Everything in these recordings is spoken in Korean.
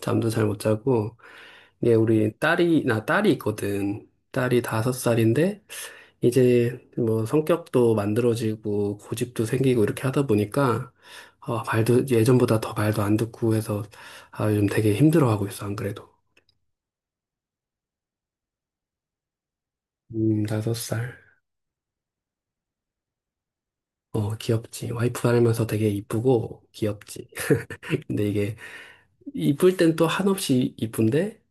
잠도 잘 못 자고 이게 우리 딸이 있거든. 딸이 5살인데 이제 뭐 성격도 만들어지고 고집도 생기고 이렇게 하다 보니까 말도 예전보다 더 말도 안 듣고 해서 요즘 되게 힘들어하고 있어 안 그래도. 5살. 어, 귀엽지. 와이프 닮면서 되게 이쁘고 귀엽지. 근데 이게 이쁠 땐 또 한없이 이쁜데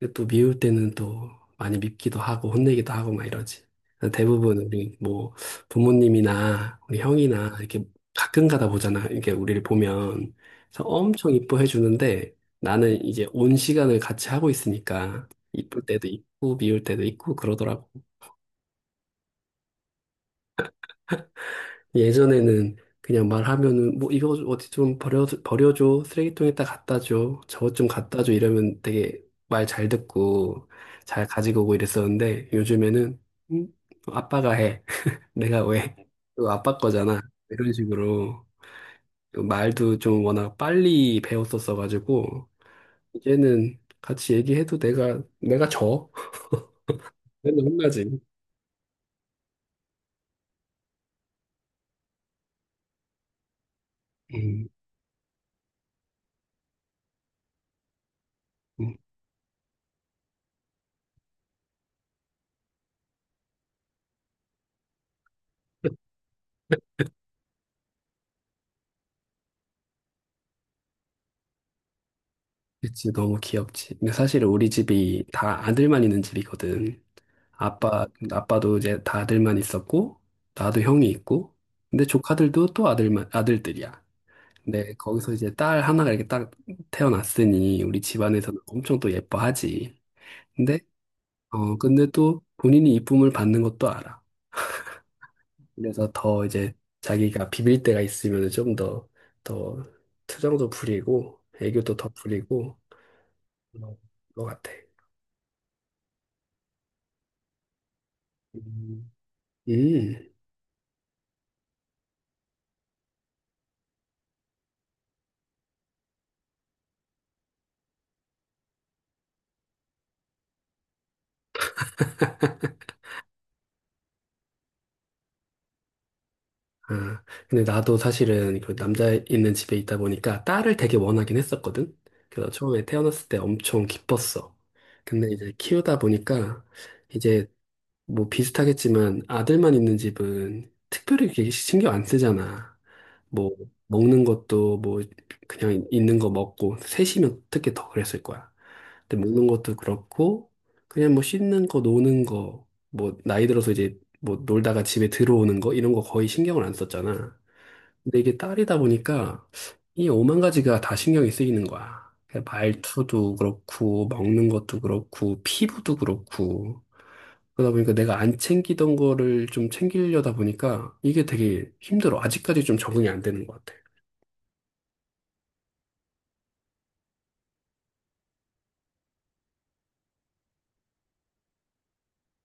근데 또 미울 때는 또 많이 밉기도 하고 혼내기도 하고 막 이러지. 그래서 대부분 우리 뭐 부모님이나 우리 형이나 이렇게 가끔 가다 보잖아. 이렇게 우리를 보면 그래서 엄청 이뻐해 주는데 나는 이제 온 시간을 같이 하고 있으니까 이쁠 때도 있고 미울 때도 있고 그러더라고. 예전에는 그냥 말하면은 뭐 이거 어디 좀 버려줘 쓰레기통에다 갖다 줘 저것 좀 갖다 줘 이러면 되게 말 잘 듣고 잘 가지고 오고 이랬었는데 요즘에는 음, 아빠가 해 내가 왜 이거 아빠 거잖아 이런 식으로 말도 좀 워낙 빨리 배웠었어가지고 이제는 같이 얘기해도 내가 져 맨날 혼나지 음, 음. 그치 너무 귀엽지 근데 사실 우리 집이 다 아들만 있는 집이거든 아빠도 이제 다 아들만 있었고, 나도 형이 있고, 근데 조카들도 또 아들들이야. 근데 거기서 이제 딸 하나가 이렇게 딱 태어났으니, 우리 집안에서는 엄청 또 예뻐하지. 근데, 근데 또 본인이 이쁨을 받는 것도 알아. 그래서 더 이제 자기가 비빌 때가 있으면 좀 더 투정도 부리고, 애교도 더 부리고, 그런 것 같아. 음. 음. 아, 근데 나도 사실은 그 남자 있는 집에 있다 보니까 딸을 되게 원하긴 했었거든. 그래서 처음에 태어났을 때 엄청 기뻤어. 근데 이제 키우다 보니까 이제 뭐 비슷하겠지만 아들만 있는 집은 특별히 이렇게 신경 안 쓰잖아. 뭐 먹는 것도 뭐 그냥 있는 거 먹고 셋이면 특히 더 그랬을 거야. 근데 먹는 것도 그렇고 그냥 뭐 씻는 거 노는 거 뭐 나이 들어서 이제 뭐 놀다가 집에 들어오는 거 이런 거 거의 신경을 안 썼잖아. 근데 이게 딸이다 보니까 이 오만 가지가 다 신경이 쓰이는 거야. 그냥 말투도 그렇고 먹는 것도 그렇고 피부도 그렇고 그러다 보니까 내가 안 챙기던 거를 좀 챙기려다 보니까 이게 되게 힘들어. 아직까지 좀 적응이 안 되는 것 같아.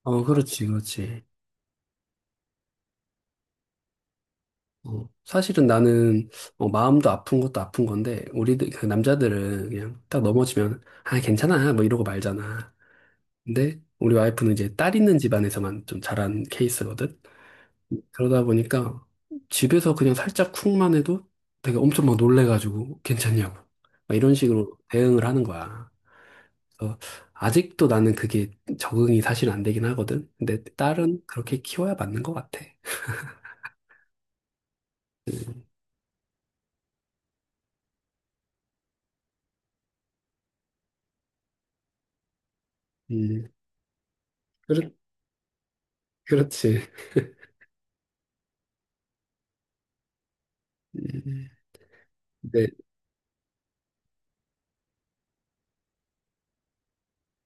어, 그렇지, 그렇지. 어, 사실은 나는 마음도 아픈 것도 아픈 건데 우리들 그 남자들은 그냥 딱 넘어지면 아 괜찮아 뭐 이러고 말잖아. 근데 우리 와이프는 이제 딸 있는 집안에서만 좀 자란 케이스거든. 그러다 보니까 집에서 그냥 살짝 쿵만 해도 되게 엄청 막 놀래가지고 괜찮냐고 막 이런 식으로 대응을 하는 거야. 그래서 아직도 나는 그게 적응이 사실 안 되긴 하거든. 근데 딸은 그렇게 키워야 맞는 것 같아. 음, 그렇, 그렇지. 음. 네.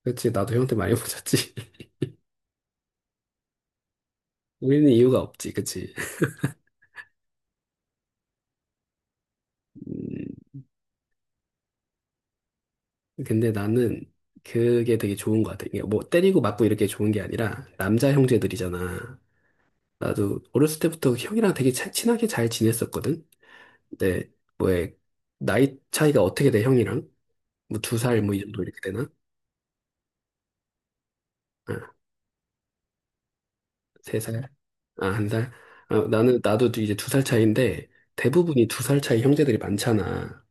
그치, 나도 형한테 많이 맞았지. 우리는 이유가 없지, 그치. 음, 근데 나는 그게 되게 좋은 것 같아. 이게 뭐 때리고 맞고 이렇게 좋은 게 아니라 남자 형제들이잖아. 나도 어렸을 때부터 형이랑 되게 친하게 잘 지냈었거든. 근데 뭐에 나이 차이가 어떻게 돼, 형이랑? 뭐 두 살 뭐 이 정도 이렇게 되나? 아, 3살? 아, 1살? 아, 나는 나도 이제 두 살 차이인데 대부분이 두 살 차이 형제들이 많잖아.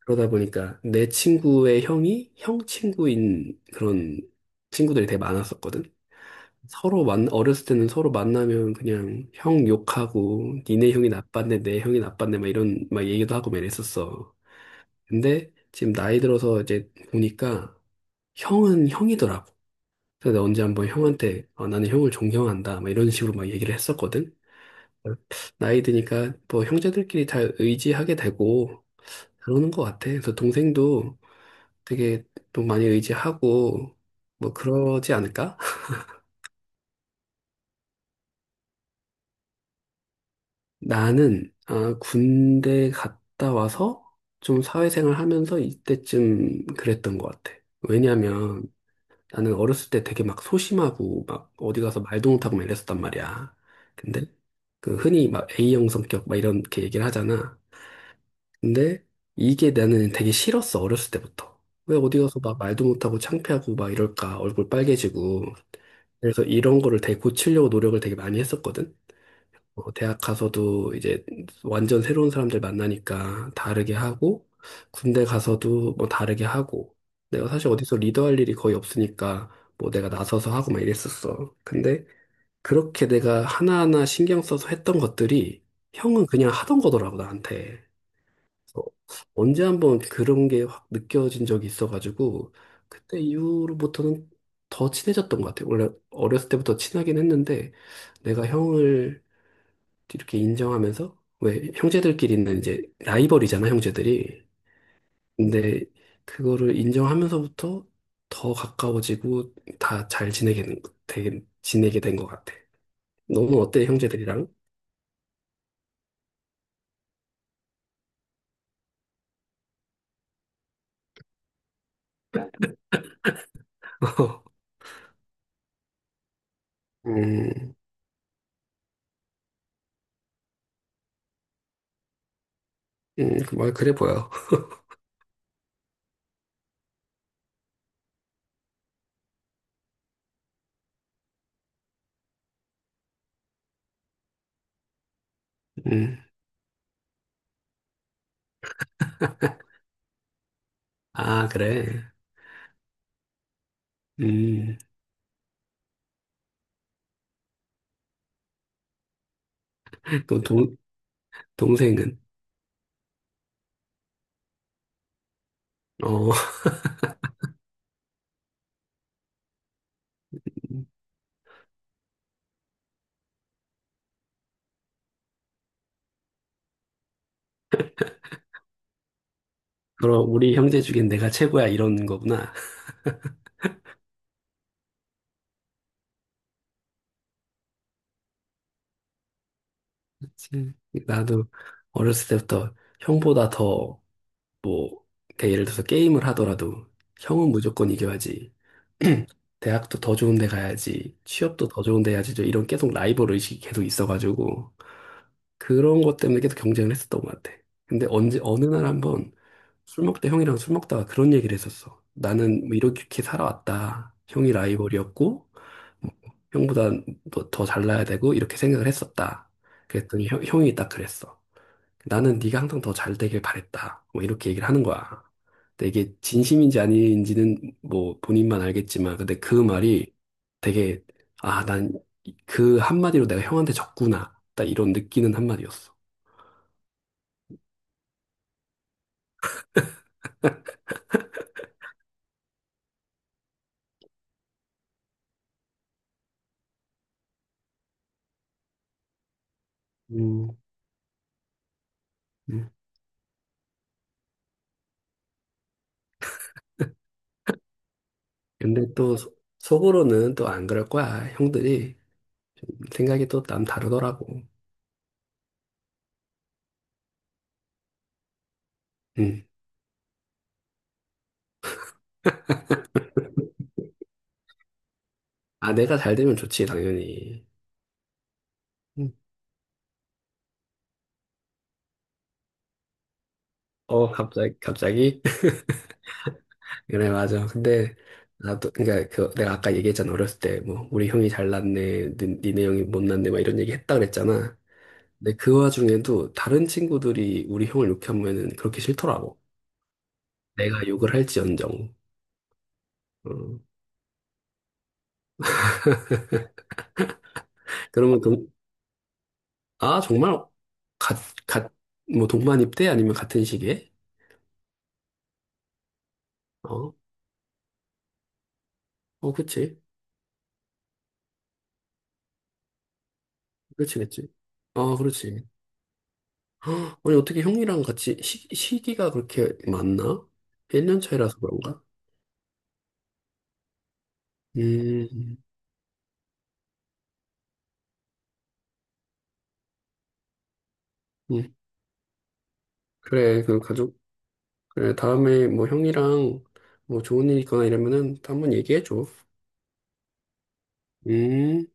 그러다 보니까 내 친구의 형이 형 친구인 그런 친구들이 되게 많았었거든. 어렸을 때는 서로 만나면 그냥 형 욕하고 니네 형이 나빴네, 내 형이 나빴네 막 이런 막 얘기도 하고 막 이랬었어. 근데 지금 나이 들어서 이제 보니까 형은 형이더라고. 그래서 내가 언제 한번 형한테 나는 형을 존경한다 막 이런 식으로 막 얘기를 했었거든. 나이 드니까 뭐 형제들끼리 다 의지하게 되고 그러는 것 같아. 그래서 동생도 되게 또 많이 의지하고 뭐 그러지 않을까? 나는 군대 갔다 와서 좀 사회생활 하면서 이때쯤 그랬던 것 같아. 왜냐면 나는 어렸을 때 되게 막 소심하고 막 어디 가서 말도 못하고 막 이랬었단 말이야. 근데 그 흔히 막 A형 성격 막 이렇게 얘기를 하잖아. 근데 이게 나는 되게 싫었어, 어렸을 때부터. 왜 어디 가서 막 말도 못하고 창피하고 막 이럴까, 얼굴 빨개지고. 그래서 이런 거를 되게 고치려고 노력을 되게 많이 했었거든. 대학 가서도 이제 완전 새로운 사람들 만나니까 다르게 하고, 군대 가서도 뭐 다르게 하고, 내가 사실 어디서 리더할 일이 거의 없으니까 뭐 내가 나서서 하고 막 이랬었어. 근데 그렇게 내가 하나하나 신경 써서 했던 것들이 형은 그냥 하던 거더라고, 나한테. 어, 언제 한번 그런 게 확 느껴진 적이 있어가지고 그때 이후로부터는 더 친해졌던 것 같아요. 원래 어렸을 때부터 친하긴 했는데 내가 형을 이렇게 인정하면서 왜 형제들끼리는 이제 라이벌이잖아, 형제들이. 근데 그거를 인정하면서부터 더 가까워지고 다 잘 지내게 지내게 된 것 같아. 너는 어때, 형제들이랑? 음, 뭐 그래 보여. 음, 아, 그래. 음. 또 동생은, 어, 그럼 우리 형제 중엔 내가 최고야, 이러는 거구나. 그치. 나도 어렸을 때부터 형보다 더, 뭐, 그러니까 예를 들어서 게임을 하더라도 형은 무조건 이겨야지. 대학도 더 좋은 데 가야지, 취업도 더 좋은 데 해야지, 저 이런 계속 라이벌 의식이 계속 있어가지고, 그런 것 때문에 계속 경쟁을 했었던 것 같아. 근데 언제, 어느 날 한번 형이랑 술 먹다가 그런 얘기를 했었어. 나는 뭐 이렇게 살아왔다. 형이 라이벌이었고, 형보다 너 더 잘나야 되고 이렇게 생각을 했었다. 그랬더니 형이 딱 그랬어. 나는 네가 항상 더 잘 되길 바랬다. 뭐 이렇게 얘기를 하는 거야. 근데 이게 진심인지 아닌지는 뭐 본인만 알겠지만 근데 그 말이 되게 난 그 한마디로 내가 형한테 졌구나. 딱 이런 느끼는 한마디였어. 음, 음. 근데 또 속으로는 또 안 그럴 거야. 형들이 생각이 또 남 다르더라고. 음. 내가 잘 되면 좋지, 당연히. 갑자기? 그래, 맞아. 근데, 나도, 그니까, 내가 아까 얘기했잖아. 어렸을 때, 뭐, 우리 형이 잘났네, 니네 형이 못났네, 막 이런 얘기 했다 그랬잖아. 근데 그 와중에도 다른 친구들이 우리 형을 욕하면은 그렇게 싫더라고. 내가 욕을 할지언정. 어. 그러면 정말, 갓, 갓, 뭐, 동반입 대 아니면 같은 시기에? 어, 어, 그치. 그치, 그치. 아, 그렇지. 아니, 어떻게 형이랑 같이 시기가 그렇게 많나? 1년 차이라서 그런가? 음, 음. 그래, 그 가족, 그래, 다음에 뭐 형이랑 뭐 좋은 일 있거나 이러면은 또 한번 얘기해줘. 음.